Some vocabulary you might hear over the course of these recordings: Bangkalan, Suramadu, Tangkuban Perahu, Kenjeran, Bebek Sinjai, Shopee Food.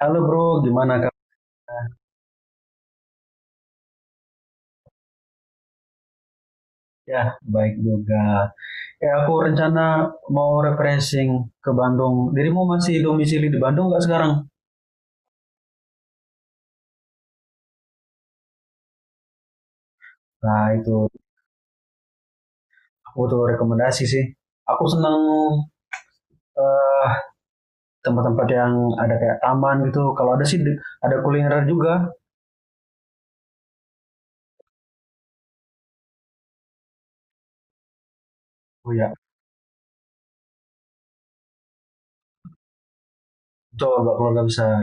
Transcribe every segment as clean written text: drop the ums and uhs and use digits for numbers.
Halo bro, gimana kabar? Ya, baik juga. Ya, aku rencana mau refreshing ke Bandung. Dirimu masih domisili di Bandung nggak sekarang? Nah, itu aku tuh rekomendasi sih. Aku senang eh, tempat-tempat yang ada kayak taman gitu. Kalau ada sih ada kuliner juga. Oh ya, coba keluarga besar.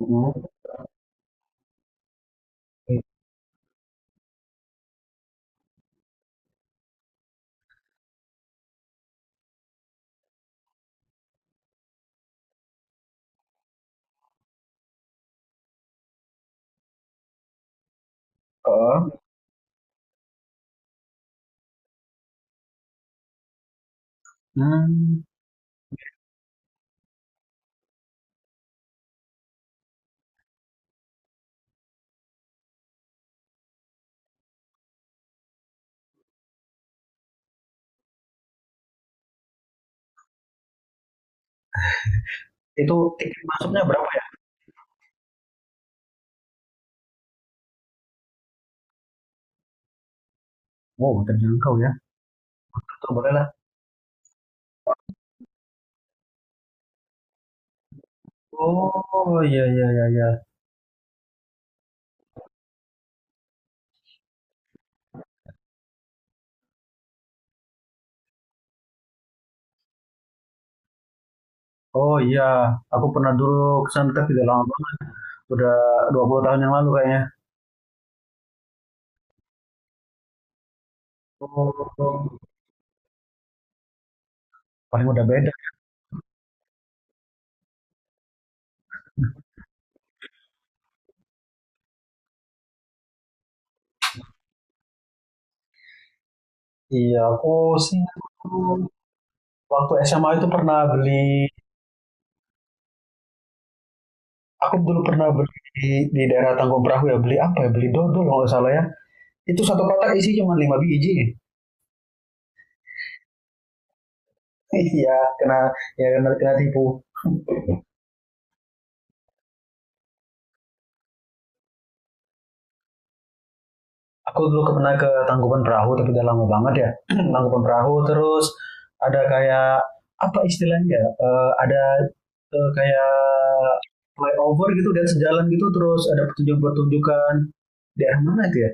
Mm. Heeh. Hmm, itu tiket masuknya berapa ya? Wow, terjangkau ya. Tuh, boleh lah. Oh, iya, iya, iya, iya. Oh iya, aku pernah dulu ke Suntec tidak lama banget, udah 20 tahun yang lalu kayaknya. Oh, paling udah beda. Iya, aku sih waktu SMA itu pernah beli. Aku dulu pernah beli di daerah Tanggung Perahu ya, beli apa ya, beli dodol kalau nggak salah ya. Itu satu kotak isi cuma 5 biji. Iya, kena, ya, kena, kena tipu. Aku dulu pernah ke Tangkuban Perahu tapi udah lama banget ya. Tangkuban Perahu, terus ada kayak apa istilahnya, ya? Ada kayak flyover gitu dan sejalan gitu, terus ada pertunjukan-pertunjukan, daerah mana itu ya?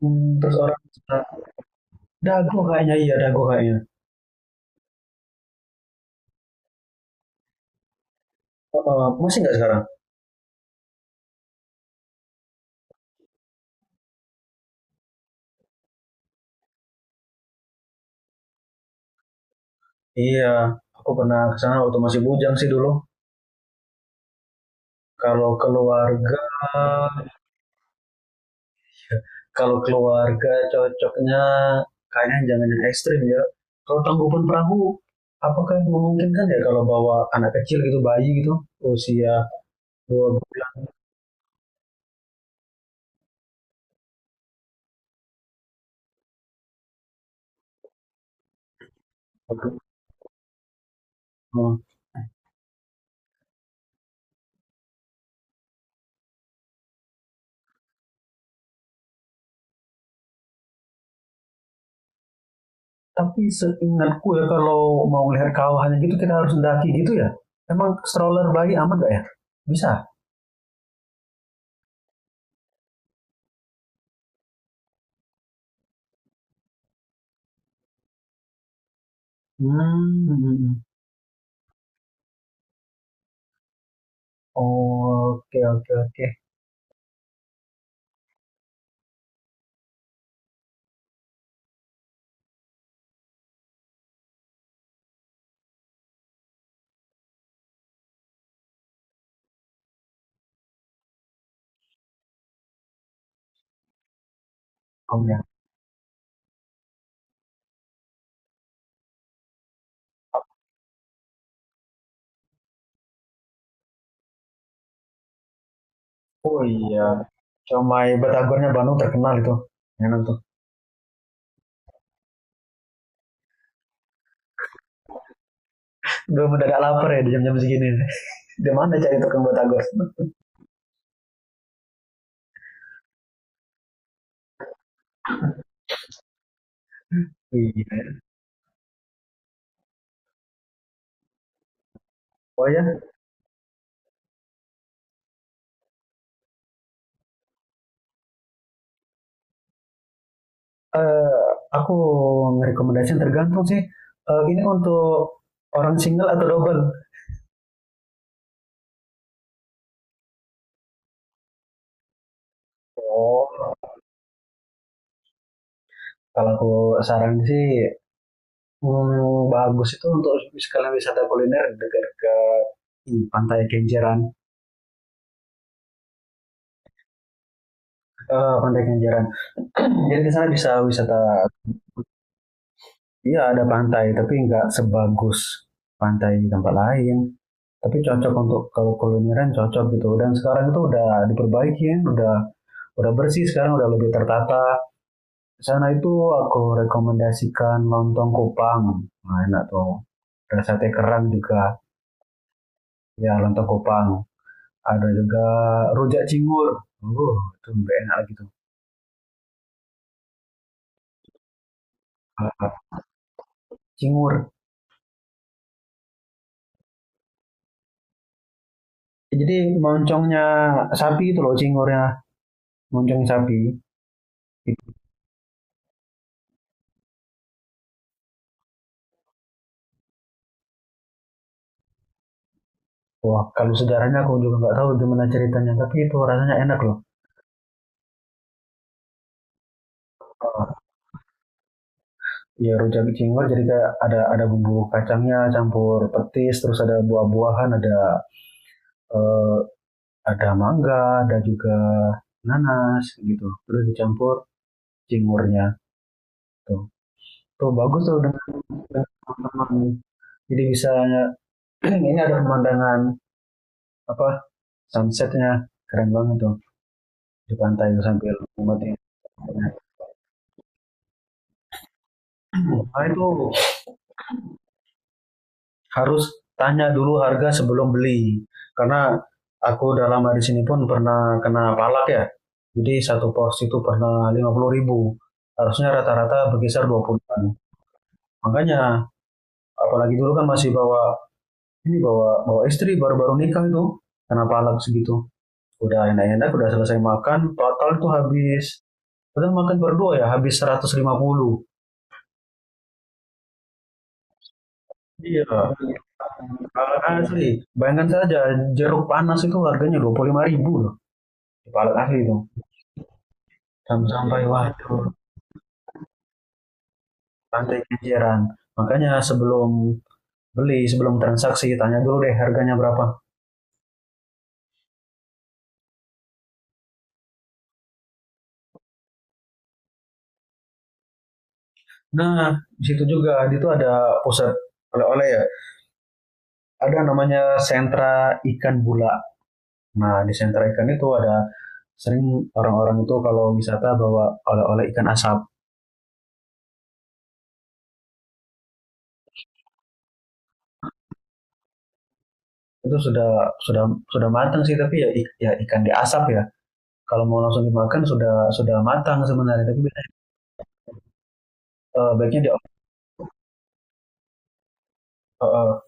Terus orang, ah, Dago kayaknya, iya Dago kayaknya. Oh, oh, masih nggak sekarang? Iya, aku pernah kesana waktu masih bujang sih dulu. Kalau keluarga, kalau keluarga cocoknya kayaknya jangan yang ekstrim ya. Kalau Tangkuban Perahu, apakah memungkinkan ya kalau bawa anak kecil gitu, bayi gitu, usia 2 bulan? Tapi seingatku ya, kalau mau melihat kawahannya gitu kita harus mendaki gitu ya. Emang stroller bayi aman gak ya? Bisa. Hmm. Oke, oke, oke. Om ya. Oh iya. Comai batagornya Bandung terkenal itu. Enak tuh. Gue mendadak lapar ya di jam-jam segini. Di mana cari tukang batagor? Iya. Oh ya. Eh, aku ngerekomendasiin tergantung sih. Ini untuk orang single atau double? Oh. Kalau aku saran sih, bagus itu untuk sekalian wisata kuliner dekat ke pantai Kenjeran. Pantai Kenjeran. Jadi di sana bisa wisata, iya, ada pantai, tapi nggak sebagus pantai di tempat lain. Tapi cocok untuk kalau kulineran cocok gitu. Dan sekarang itu udah diperbaiki, ya. Udah bersih sekarang, udah lebih tertata. Di sana itu aku rekomendasikan lontong kupang, nah, enak tuh. Ada sate kerang juga, ya lontong kupang. Ada juga rujak cingur, itu lebih enak lagi tuh. Ah, Cingur. Ya, jadi moncongnya sapi itu loh, cingurnya moncong sapi itu. Wah, kalau sejarahnya aku juga nggak tahu gimana ceritanya, tapi itu rasanya enak loh. Ah, Ya rujak cingur jadi kayak ada bumbu kacangnya campur petis, terus ada buah-buahan, ada eh, ada mangga, ada juga nanas gitu, terus dicampur cingurnya tuh. Bagus tuh dengan teman-teman, jadi bisa ini, ada pemandangan, apa, sunsetnya keren banget tuh di pantai tuh sambil menikmati. Nah itu harus tanya dulu harga sebelum beli, karena aku udah lama di sini pun pernah kena palak ya. Jadi satu porsi itu pernah 50 ribu. Harusnya rata-rata berkisar 20-an. Makanya, apalagi dulu kan masih bawa ini, bawa bawa istri baru-baru nikah itu, kena palak segitu. Udah enak-enak udah selesai makan, total tuh habis. Padahal makan berdua ya habis 150. Iya. Alat asli. Bayangkan saja jeruk panas itu harganya 25 ribu loh. Alat asli itu. Sampai waduh, pantai kejaran. Makanya sebelum beli, sebelum transaksi, tanya dulu deh harganya berapa. Nah, di situ juga, di situ ada pusat oleh-oleh ya. Ada namanya sentra ikan bula. Nah, di sentra ikan itu ada sering orang-orang itu kalau wisata bawa oleh-oleh ikan asap. Itu sudah sudah matang sih, tapi ya, ikan diasap ya. Kalau mau langsung dimakan sudah matang sebenarnya, tapi biasanya, baiknya dia eh,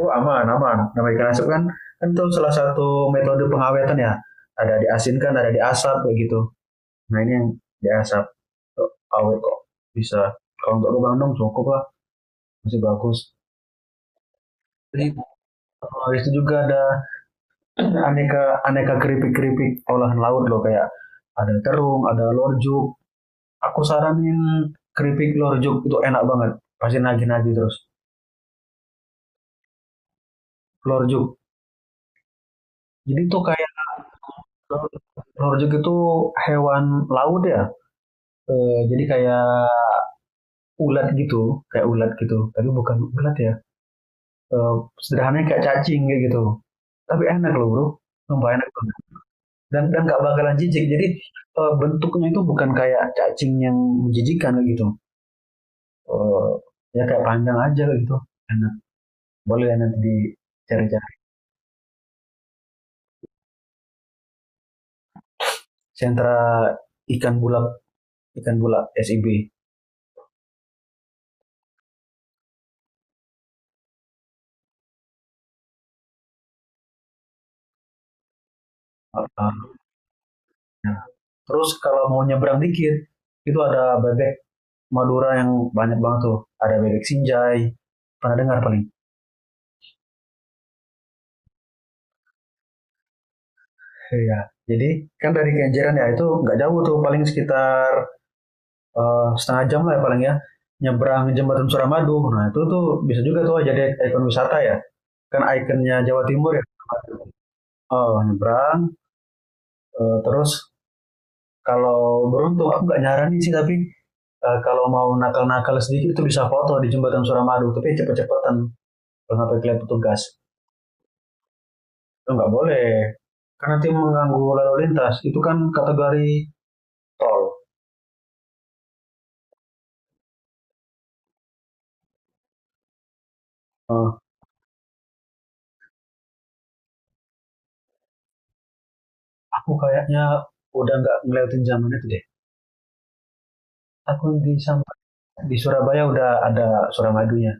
oh, aman, aman. Nama ikan asap kan, itu salah satu metode pengawetan ya, ada diasinkan ada diasap kayak gitu. Nah ini yang diasap tuh awet kok, bisa kalau untuk lubang dong cukup lah, masih bagus. Jadi, itu juga ada aneka aneka keripik keripik olahan laut loh, kayak ada terung, ada lorjuk. Aku saranin, keripik lorjuk itu enak banget. Pasti nagih-nagih terus. Lorjuk. Jadi tuh kayak, lorjuk itu hewan laut ya. Jadi kayak ulat gitu, kayak ulat gitu. Tapi bukan ulat ya. Eh, Sederhananya kayak cacing kayak gitu. Tapi enak loh bro. Sumpah enak banget. Dan nggak bakalan jijik. Jadi bentuknya itu bukan kayak cacing yang menjijikan kayak gitu. Eh, Ya kayak panjang aja kayak gitu. Enak. Boleh ya nanti dicari-cari. Sentra ikan bula, ikan bula, SIB. Uh, nah, terus kalau mau nyebrang dikit, itu ada bebek Madura yang banyak banget tuh. Ada bebek Sinjai, pernah dengar paling. Iya. Jadi kan dari Kenjeran ya itu nggak jauh tuh, paling sekitar setengah jam lah ya paling ya, nyebrang jembatan Suramadu. Nah itu tuh bisa juga tuh jadi ikon wisata ya. Kan ikonnya Jawa Timur ya. Oh nyebrang, terus kalau beruntung, aku nggak nyaranin sih, tapi kalau mau nakal-nakal sedikit itu bisa foto di jembatan Suramadu tapi cepet-cepetan, kalau sampai kelihatan petugas itu nggak boleh, karena nanti mengganggu lalu lintas, itu kan kategori tol. Eh, aku kayaknya udah nggak ngeliatin zaman itu deh, aku di Surabaya udah ada Suramadunya.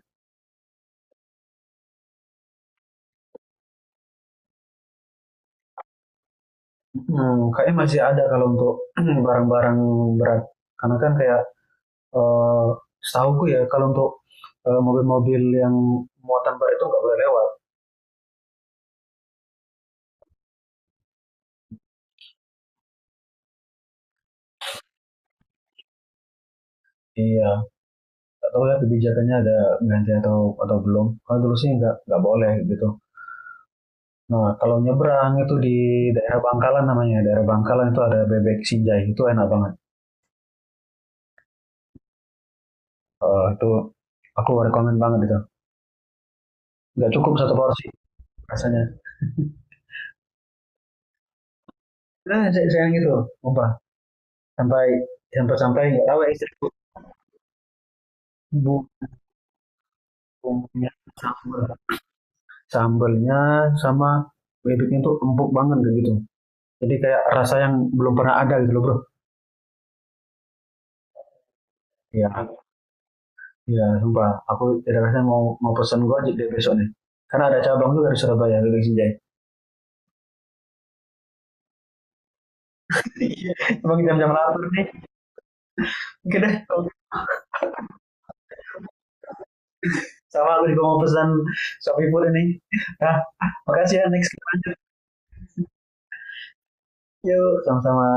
Kayaknya masih ada kalau untuk barang-barang berat, karena kan kayak eh setahuku ya, kalau untuk mobil-mobil yang muatan berat itu nggak boleh lewat. Iya, nggak tahu ya kebijakannya ada ganti atau belum. Kalau dulu sih nggak boleh gitu. Nah, kalau nyebrang itu di daerah Bangkalan namanya, daerah Bangkalan itu ada bebek Sinjai, itu enak banget. Itu aku rekomend banget itu. Nggak cukup satu porsi rasanya. Nah, saya sayang gitu, lupa, sampai sampai sampai nggak tahu ya istri. Bumbunya sambal, sambalnya sama bebeknya itu empuk banget kayak gitu. Jadi kayak rasa yang belum pernah ada gitu loh bro. Iya. Iya, sumpah. Aku tidak rasa mau mau pesan gua aja deh besok nih. Karena ada cabang juga di Surabaya, Bebek Sinjai. Iya. Emang jam-jam lapar nih. Oke deh, sama aku juga mau pesan Shopee Food ini. Nah, makasih ya, next kita lanjut. Yuk, sama-sama.